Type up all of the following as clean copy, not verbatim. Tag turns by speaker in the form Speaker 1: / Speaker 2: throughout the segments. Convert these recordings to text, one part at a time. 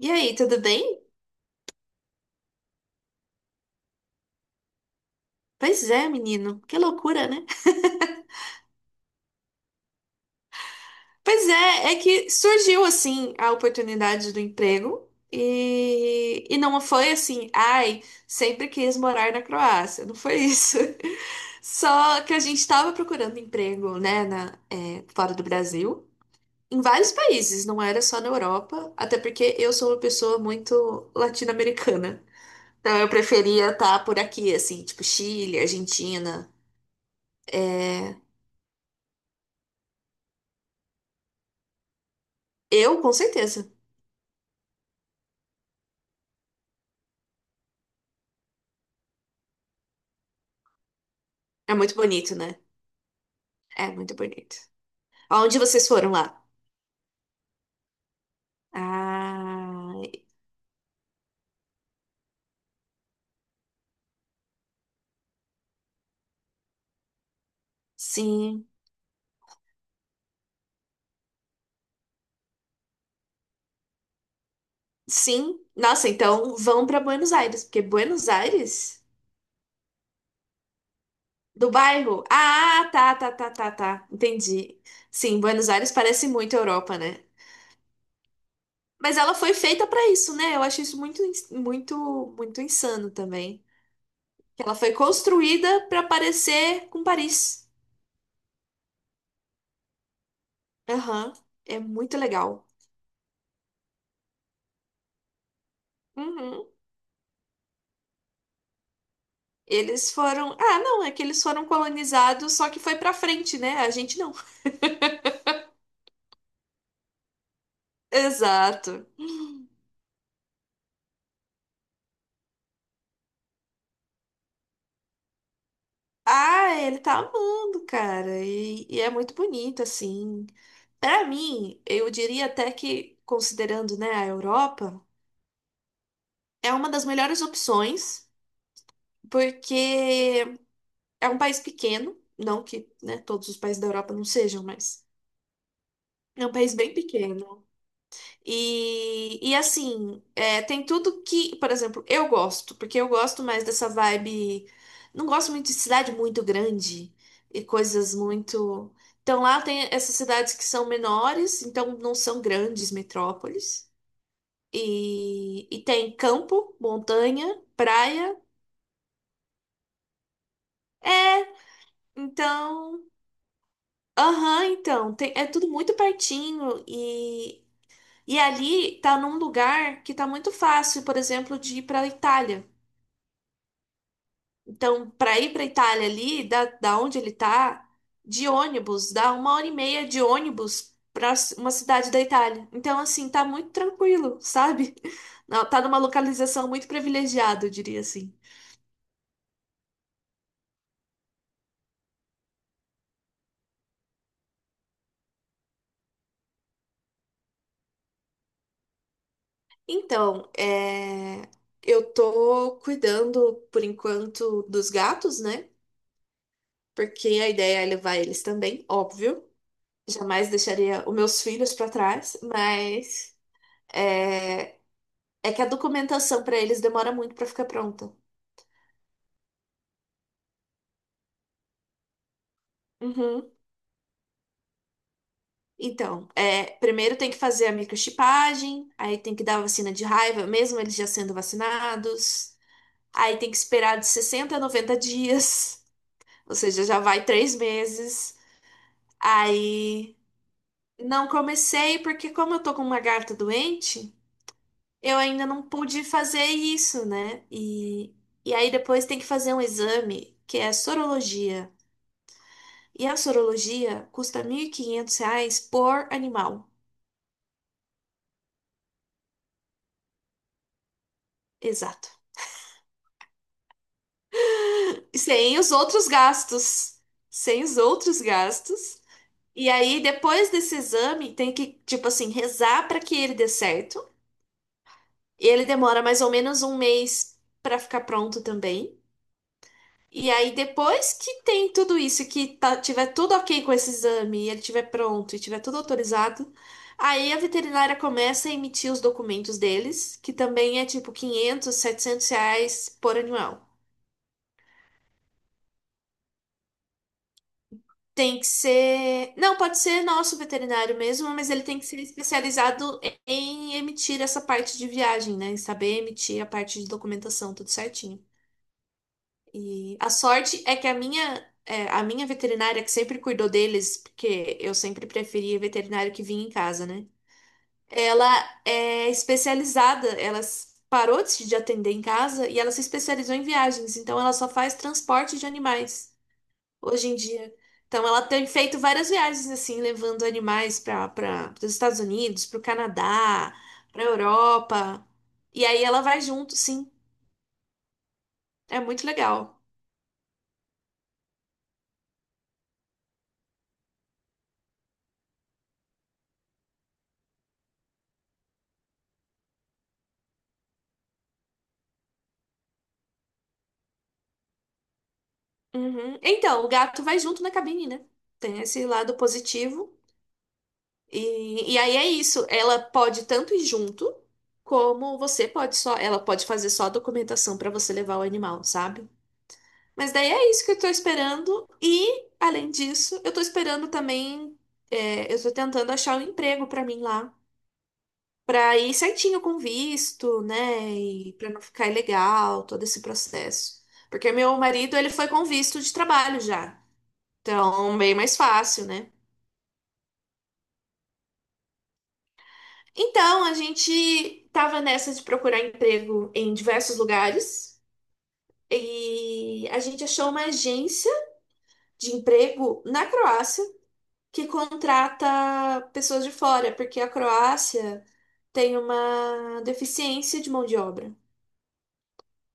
Speaker 1: E aí, tudo bem? Pois é, menino, que loucura, né? Pois é, é que surgiu assim a oportunidade do emprego e não foi assim, ai, sempre quis morar na Croácia, não foi isso. Só que a gente estava procurando emprego, né, fora do Brasil, em vários países, não era só na Europa, até porque eu sou uma pessoa muito latino-americana. Então eu preferia estar por aqui, assim, tipo Chile, Argentina. eh, Eu, com certeza. É muito bonito, né? É muito bonito. Aonde vocês foram lá? Ah, sim. Sim. Nossa, então vão para Buenos Aires, porque Buenos Aires do bairro. Ah, tá, tá, tá, tá, tá. Entendi. Sim, Buenos Aires parece muito Europa, né? Mas ela foi feita para isso, né? Eu acho isso muito, muito, muito insano também. Que ela foi construída para parecer com Paris. Aham. É muito legal. Uhum. Eles foram. Ah, não, é que eles foram colonizados, só que foi pra frente, né? A gente não. Exato. Ah, ele tá amando, cara. E é muito bonito, assim. Pra mim, eu diria até que, considerando, né, a Europa, é uma das melhores opções, porque é um país pequeno. Não que, né, todos os países da Europa não sejam, mas é um país bem pequeno. E assim, é, tem tudo que, por exemplo, eu gosto, porque eu gosto mais dessa vibe. Não gosto muito de cidade muito grande e coisas muito. Então lá tem essas cidades que são menores, então não são grandes metrópoles. E tem campo, montanha, praia. É, então. Aham, então. É tudo muito pertinho e. E ali tá num lugar que tá muito fácil, por exemplo, de ir para Itália. Então, para ir para Itália ali, da onde ele tá, de ônibus, dá uma hora e meia de ônibus para uma cidade da Itália. Então, assim, tá muito tranquilo, sabe? Não, tá numa localização muito privilegiada, eu diria assim. Então, é, eu tô cuidando, por enquanto, dos gatos, né? Porque a ideia é levar eles também, óbvio. Jamais deixaria os meus filhos para trás, mas é, é que a documentação para eles demora muito para ficar pronta. Uhum. Então, é, primeiro tem que fazer a microchipagem, aí tem que dar a vacina de raiva, mesmo eles já sendo vacinados. Aí tem que esperar de 60 a 90 dias, ou seja, já vai 3 meses. Aí não comecei, porque como eu tô com uma garta doente, eu ainda não pude fazer isso, né? E aí depois tem que fazer um exame, que é sorologia. E a sorologia custa R$ 1.500 por animal. Exato. Sem os outros gastos. Sem os outros gastos. E aí, depois desse exame, tem que, tipo assim, rezar para que ele dê certo. E ele demora mais ou menos um mês para ficar pronto também. E aí, depois que tem tudo isso, que tiver tudo ok com esse exame, e ele tiver pronto e tiver tudo autorizado, aí a veterinária começa a emitir os documentos deles, que também é tipo 500, R$ 700 por animal. Tem que ser. Não, pode ser nosso veterinário mesmo, mas ele tem que ser especializado em emitir essa parte de viagem, né? Em saber emitir a parte de documentação, tudo certinho. E a sorte é que a minha veterinária, que sempre cuidou deles, porque eu sempre preferia veterinário que vinha em casa, né? Ela é especializada, ela parou de atender em casa e ela se especializou em viagens, então ela só faz transporte de animais hoje em dia. Então, ela tem feito várias viagens assim, levando animais para os Estados Unidos, para o Canadá, para a Europa. E aí ela vai junto, sim. É muito legal. Uhum. Então, o gato vai junto na cabine, né? Tem esse lado positivo. E aí é isso. Ela pode tanto ir junto, como você pode só. Ela pode fazer só a documentação para você levar o animal, sabe? Mas daí é isso que eu tô esperando. E, além disso, eu tô esperando também. Eu tô tentando achar um emprego pra mim lá. Pra ir certinho com visto, né? E pra não ficar ilegal, todo esse processo. Porque meu marido, ele foi com visto de trabalho já. Então, bem mais fácil, né? Então, a gente tava nessa de procurar emprego em diversos lugares. E a gente achou uma agência de emprego na Croácia, que contrata pessoas de fora, porque a Croácia tem uma deficiência de mão de obra.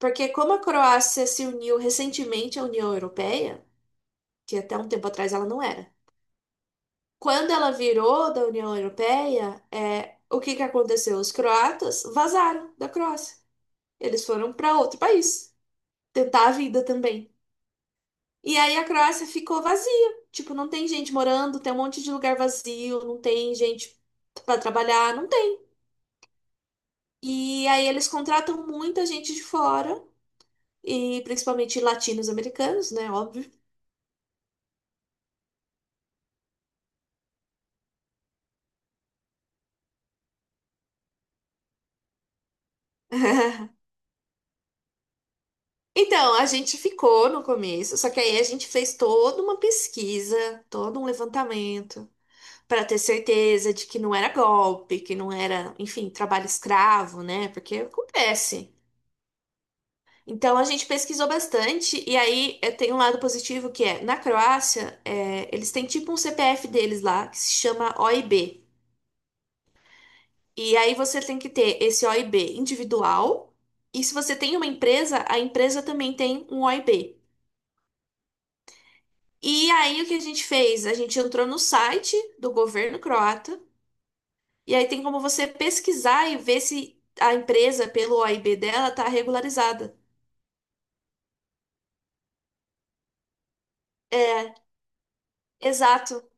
Speaker 1: Porque como a Croácia se uniu recentemente à União Europeia, que até um tempo atrás ela não era, quando ela virou da União Europeia, é, o que que aconteceu? Os croatas vazaram da Croácia. Eles foram para outro país tentar a vida também. E aí a Croácia ficou vazia. Tipo, não tem gente morando, tem um monte de lugar vazio, não tem gente para trabalhar, não tem. E aí eles contratam muita gente de fora, e principalmente latinos americanos, né? Óbvio. Então, a gente ficou no começo, só que aí a gente fez toda uma pesquisa, todo um levantamento, para ter certeza de que não era golpe, que não era, enfim, trabalho escravo, né? Porque acontece. Então, a gente pesquisou bastante, e aí tem um lado positivo que é, na Croácia, eles têm tipo um CPF deles lá, que se chama OIB. E aí você tem que ter esse OIB individual. E se você tem uma empresa, a empresa também tem um OIB. E aí o que a gente fez? A gente entrou no site do governo croata. E aí tem como você pesquisar e ver se a empresa, pelo OIB dela, está regularizada. É, exato.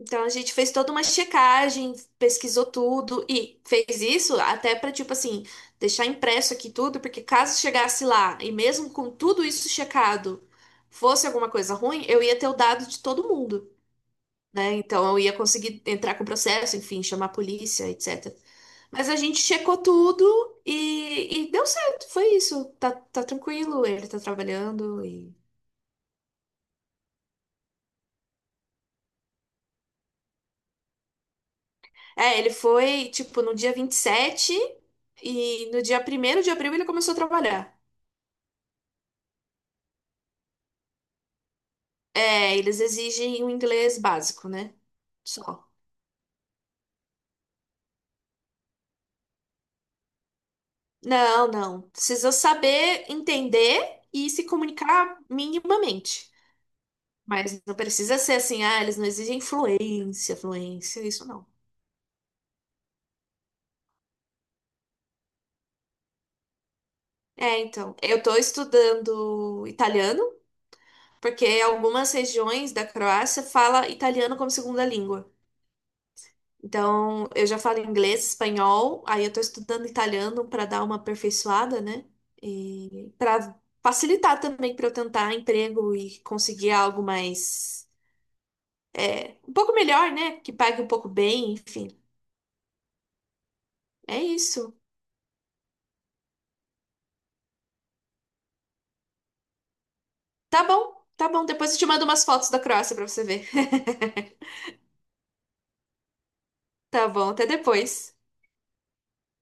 Speaker 1: Então a gente fez toda uma checagem, pesquisou tudo e fez isso até para tipo assim, deixar impresso aqui tudo, porque caso chegasse lá e mesmo com tudo isso checado, fosse alguma coisa ruim, eu ia ter o dado de todo mundo, né? Então eu ia conseguir entrar com o processo, enfim, chamar a polícia, etc. Mas a gente checou tudo e deu certo, foi isso. Tá, tá tranquilo, ele tá trabalhando e. É, ele foi, tipo, no dia 27 e no dia primeiro de abril ele começou a trabalhar. É, eles exigem um inglês básico, né? Só. Não, não. Precisa saber entender e se comunicar minimamente. Mas não precisa ser assim, ah, eles não exigem fluência, fluência, isso não. É, então, eu tô estudando italiano, porque algumas regiões da Croácia fala italiano como segunda língua. Então, eu já falo inglês, espanhol, aí eu tô estudando italiano para dar uma aperfeiçoada, né? E para facilitar também para eu tentar emprego e conseguir algo mais um pouco melhor, né? Que pague um pouco bem, enfim. É isso. Tá bom, tá bom. Depois eu te mando umas fotos da Croácia para você ver. Tá bom, até depois.